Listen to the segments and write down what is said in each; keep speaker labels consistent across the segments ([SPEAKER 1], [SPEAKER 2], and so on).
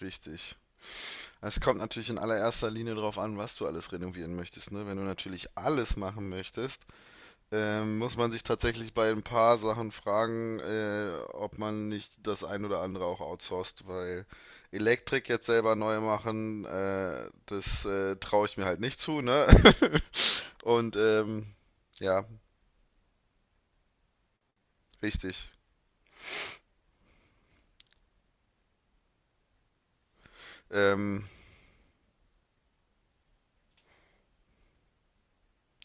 [SPEAKER 1] Richtig. Es kommt natürlich in allererster Linie darauf an, was du alles renovieren möchtest. Ne? Wenn du natürlich alles machen möchtest, muss man sich tatsächlich bei ein paar Sachen fragen, ob man nicht das ein oder andere auch outsourced, weil Elektrik jetzt selber neu machen, das traue ich mir halt nicht zu. Ne? Und ähm, ja, richtig. Ähm,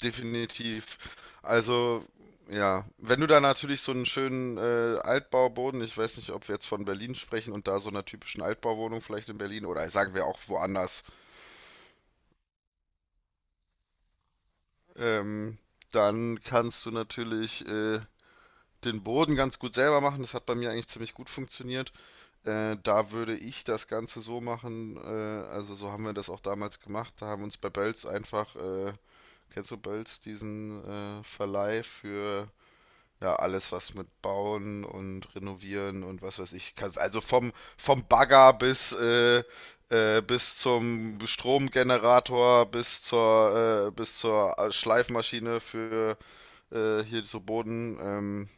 [SPEAKER 1] Definitiv. Also, ja, wenn du da natürlich so einen schönen Altbauboden, ich weiß nicht, ob wir jetzt von Berlin sprechen und da so einer typischen Altbauwohnung vielleicht in Berlin oder sagen wir auch woanders, ähm, dann kannst du natürlich den Boden ganz gut selber machen. Das hat bei mir eigentlich ziemlich gut funktioniert. Da würde ich das Ganze so machen, also so haben wir das auch damals gemacht. Da haben uns bei Bölz einfach, kennst du Bölz, diesen Verleih für ja, alles, was mit Bauen und Renovieren und was weiß ich kann. Also vom Bagger bis, bis zum Stromgenerator, bis zur Schleifmaschine für hier so Boden,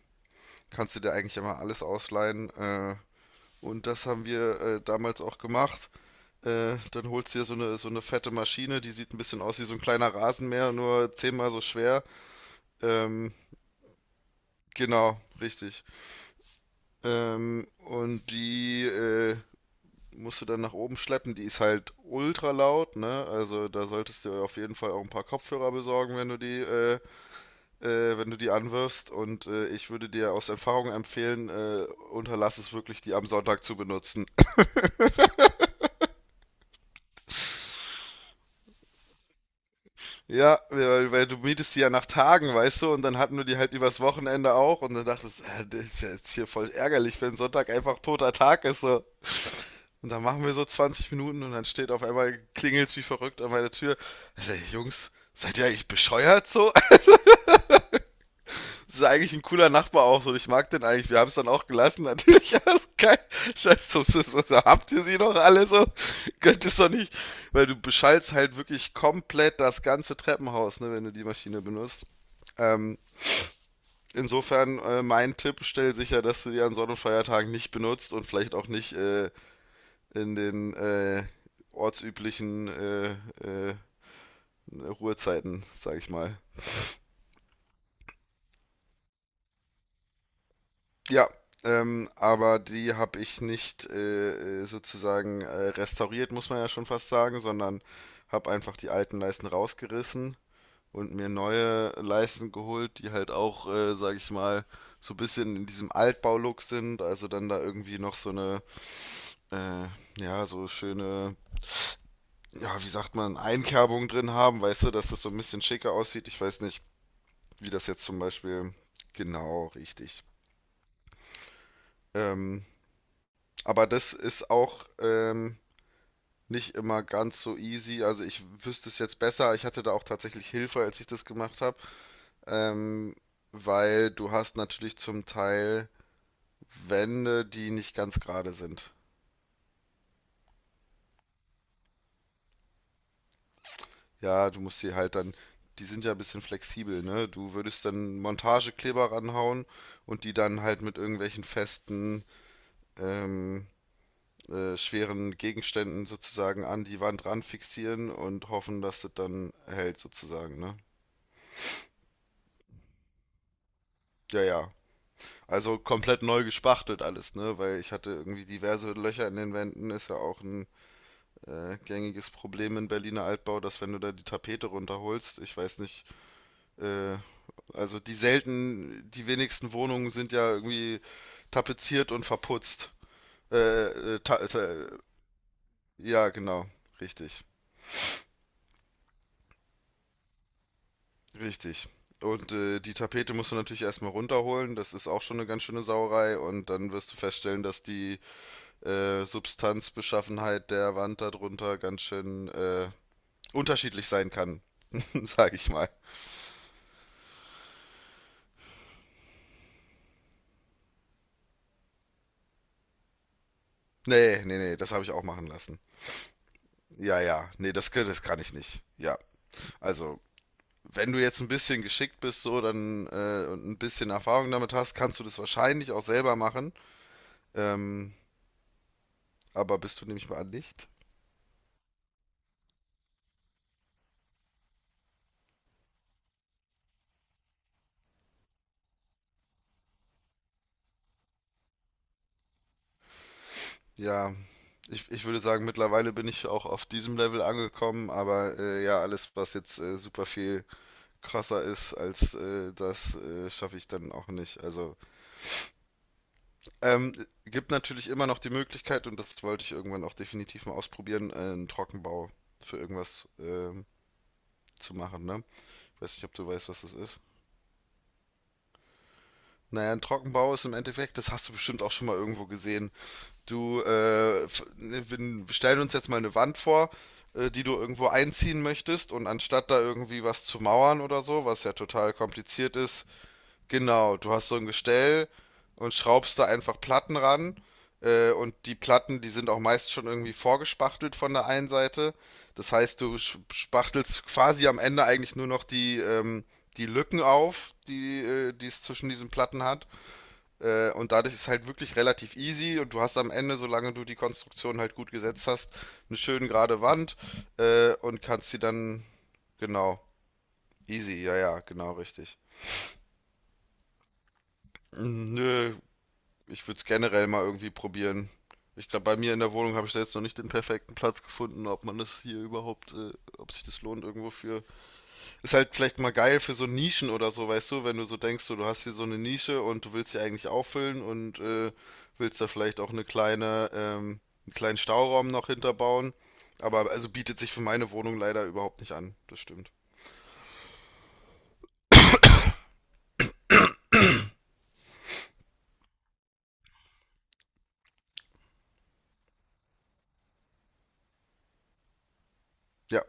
[SPEAKER 1] kannst du dir eigentlich immer alles ausleihen. Und das haben wir damals auch gemacht. Dann holst du dir so eine fette Maschine, die sieht ein bisschen aus wie so ein kleiner Rasenmäher, nur zehnmal so schwer. Ähm, genau, richtig. Und die musst du dann nach oben schleppen. Die ist halt ultra laut, ne? Also da solltest du auf jeden Fall auch ein paar Kopfhörer besorgen, wenn du die, wenn du die anwirfst. Und ich würde dir aus Erfahrung empfehlen, unterlass es wirklich, die am Sonntag zu benutzen. Ja, weil du mietest die ja nach Tagen, weißt du, und dann hatten wir die halt übers Wochenende auch und dann dachtest, das ist ja jetzt hier voll ärgerlich, wenn Sonntag einfach toter Tag ist so. Und dann machen wir so 20 Minuten und dann steht auf einmal, klingelt's wie verrückt an meiner Tür. Also, ey, Jungs, seid ihr eigentlich bescheuert so? Das ist eigentlich ein cooler Nachbar auch so und ich mag den eigentlich. Wir haben es dann auch gelassen, natürlich, aber ist geil. Scheiße, so, so, so, so, habt ihr sie noch alle so? Könnt es doch nicht, weil du beschallst halt wirklich komplett das ganze Treppenhaus, ne, wenn du die Maschine benutzt. Ähm, insofern mein Tipp, stell sicher, dass du die an Sonn- und Feiertagen nicht benutzt und vielleicht auch nicht in den ortsüblichen äh, Ruhezeiten, sag ich mal. Ja, aber die habe ich nicht sozusagen restauriert, muss man ja schon fast sagen, sondern habe einfach die alten Leisten rausgerissen und mir neue Leisten geholt, die halt auch, sag ich mal, so ein bisschen in diesem Altbau-Look sind. Also dann da irgendwie noch so eine Äh, ja, so schöne, ja, wie sagt man, Einkerbungen drin haben, weißt du, dass das so ein bisschen schicker aussieht. Ich weiß nicht, wie das jetzt zum Beispiel genau richtig. Ähm, aber das ist auch nicht immer ganz so easy. Also ich wüsste es jetzt besser. Ich hatte da auch tatsächlich Hilfe, als ich das gemacht habe. Ähm, weil du hast natürlich zum Teil Wände, die nicht ganz gerade sind. Ja, du musst sie halt dann, die sind ja ein bisschen flexibel, ne? Du würdest dann Montagekleber ranhauen und die dann halt mit irgendwelchen festen, ähm, schweren Gegenständen sozusagen an die Wand ran fixieren und hoffen, dass das dann hält sozusagen, ne? Ja, ja. Also komplett neu gespachtelt alles, ne? Weil ich hatte irgendwie diverse Löcher in den Wänden, ist ja auch ein gängiges Problem in Berliner Altbau, dass wenn du da die Tapete runterholst, ich weiß nicht, äh, also die wenigsten Wohnungen sind ja irgendwie tapeziert und verputzt. Äh, ta ta ja, genau, richtig, richtig. Und die Tapete musst du natürlich erstmal runterholen, das ist auch schon eine ganz schöne Sauerei und dann wirst du feststellen, dass die Substanzbeschaffenheit der Wand darunter ganz schön unterschiedlich sein kann, sag ich mal. Nee, nee, nee, das habe ich auch machen lassen. Ja, ja, nee, das kann ich nicht. Ja, also wenn du jetzt ein bisschen geschickt bist, so, dann und ein bisschen Erfahrung damit hast, kannst du das wahrscheinlich auch selber machen. Ähm, aber bist du nämlich mal nicht? Ja, ich würde sagen, mittlerweile bin ich auch auf diesem Level angekommen, aber ja, alles, was jetzt super viel krasser ist als das, schaffe ich dann auch nicht. Also, ähm, gibt natürlich immer noch die Möglichkeit, und das wollte ich irgendwann auch definitiv mal ausprobieren, einen Trockenbau für irgendwas zu machen, ne? Ich weiß nicht, ob du weißt, was das ist. Naja, ein Trockenbau ist im Endeffekt, das hast du bestimmt auch schon mal irgendwo gesehen. Du, wir stellen uns jetzt mal eine Wand vor, die du irgendwo einziehen möchtest und anstatt da irgendwie was zu mauern oder so, was ja total kompliziert ist, genau, du hast so ein Gestell und schraubst da einfach Platten ran. Und die Platten, die sind auch meist schon irgendwie vorgespachtelt von der einen Seite. Das heißt, spachtelst quasi am Ende eigentlich nur noch die, die Lücken auf, die, die es zwischen diesen Platten hat. Und dadurch ist halt wirklich relativ easy und du hast am Ende, solange du die Konstruktion halt gut gesetzt hast, eine schön gerade Wand und kannst sie dann, genau, easy, ja, ja, genau richtig. Mm, nö, ich würde es generell mal irgendwie probieren. Ich glaube, bei mir in der Wohnung habe ich da jetzt noch nicht den perfekten Platz gefunden, ob man das hier überhaupt, ob sich das lohnt irgendwo für. Ist halt vielleicht mal geil für so Nischen oder so, weißt du, wenn du so denkst, so, du hast hier so eine Nische und du willst sie eigentlich auffüllen und willst da vielleicht auch eine kleine, einen kleinen Stauraum noch hinterbauen. Aber also bietet sich für meine Wohnung leider überhaupt nicht an. Das stimmt. Ja,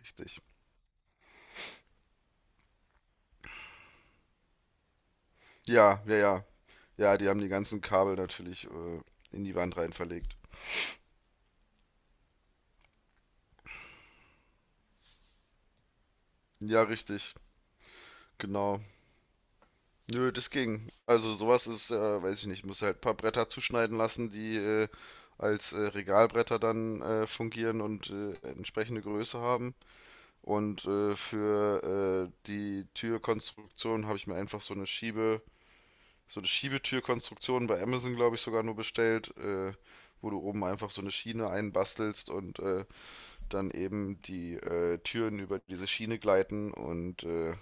[SPEAKER 1] richtig. Ja, ja, ja. Ja, die haben die ganzen Kabel natürlich in die Wand rein verlegt. Ja, richtig. Genau. Nö, das ging. Also sowas ist, weiß ich nicht, muss halt ein paar Bretter zuschneiden lassen, die als Regalbretter dann fungieren und entsprechende Größe haben. Und für die Türkonstruktion habe ich mir einfach so eine Schiebetürkonstruktion bei Amazon, glaube ich, sogar nur bestellt, wo du oben einfach so eine Schiene einbastelst und dann eben die Türen über diese Schiene gleiten und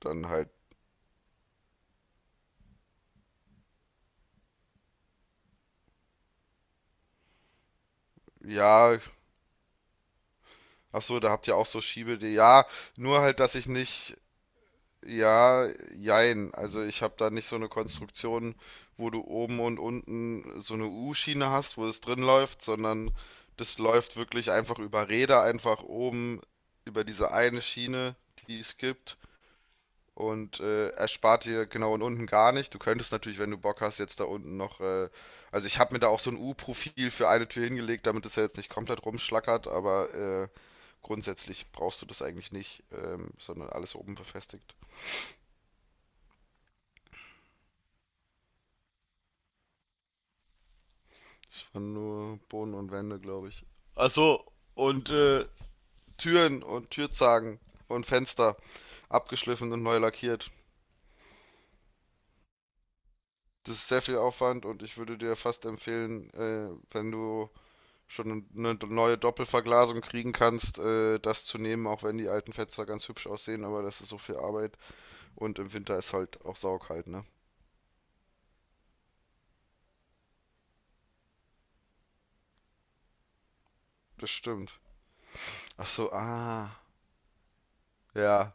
[SPEAKER 1] dann halt, ja, ach so, da habt ihr auch so Schiebe, die, ja, nur halt, dass ich nicht, ja, jein, also ich habe da nicht so eine Konstruktion, wo du oben und unten so eine U-Schiene hast, wo es drin läuft, sondern das läuft wirklich einfach über Räder, einfach oben über diese eine Schiene, die es gibt und erspart dir genau und unten gar nicht. Du könntest natürlich, wenn du Bock hast, jetzt da unten noch, also ich habe mir da auch so ein U-Profil für eine Tür hingelegt, damit es ja jetzt nicht komplett rumschlackert, aber grundsätzlich brauchst du das eigentlich nicht, sondern alles oben befestigt. Das waren nur Boden und Wände, glaube ich. Ach so, und Türen und Türzagen und Fenster abgeschliffen und neu lackiert. Das ist sehr viel Aufwand und ich würde dir fast empfehlen, wenn du schon eine neue Doppelverglasung kriegen kannst, das zu nehmen, auch wenn die alten Fenster ganz hübsch aussehen, aber das ist so viel Arbeit und im Winter ist halt auch saukalt, ne? Das stimmt. Ach so, ah. Ja,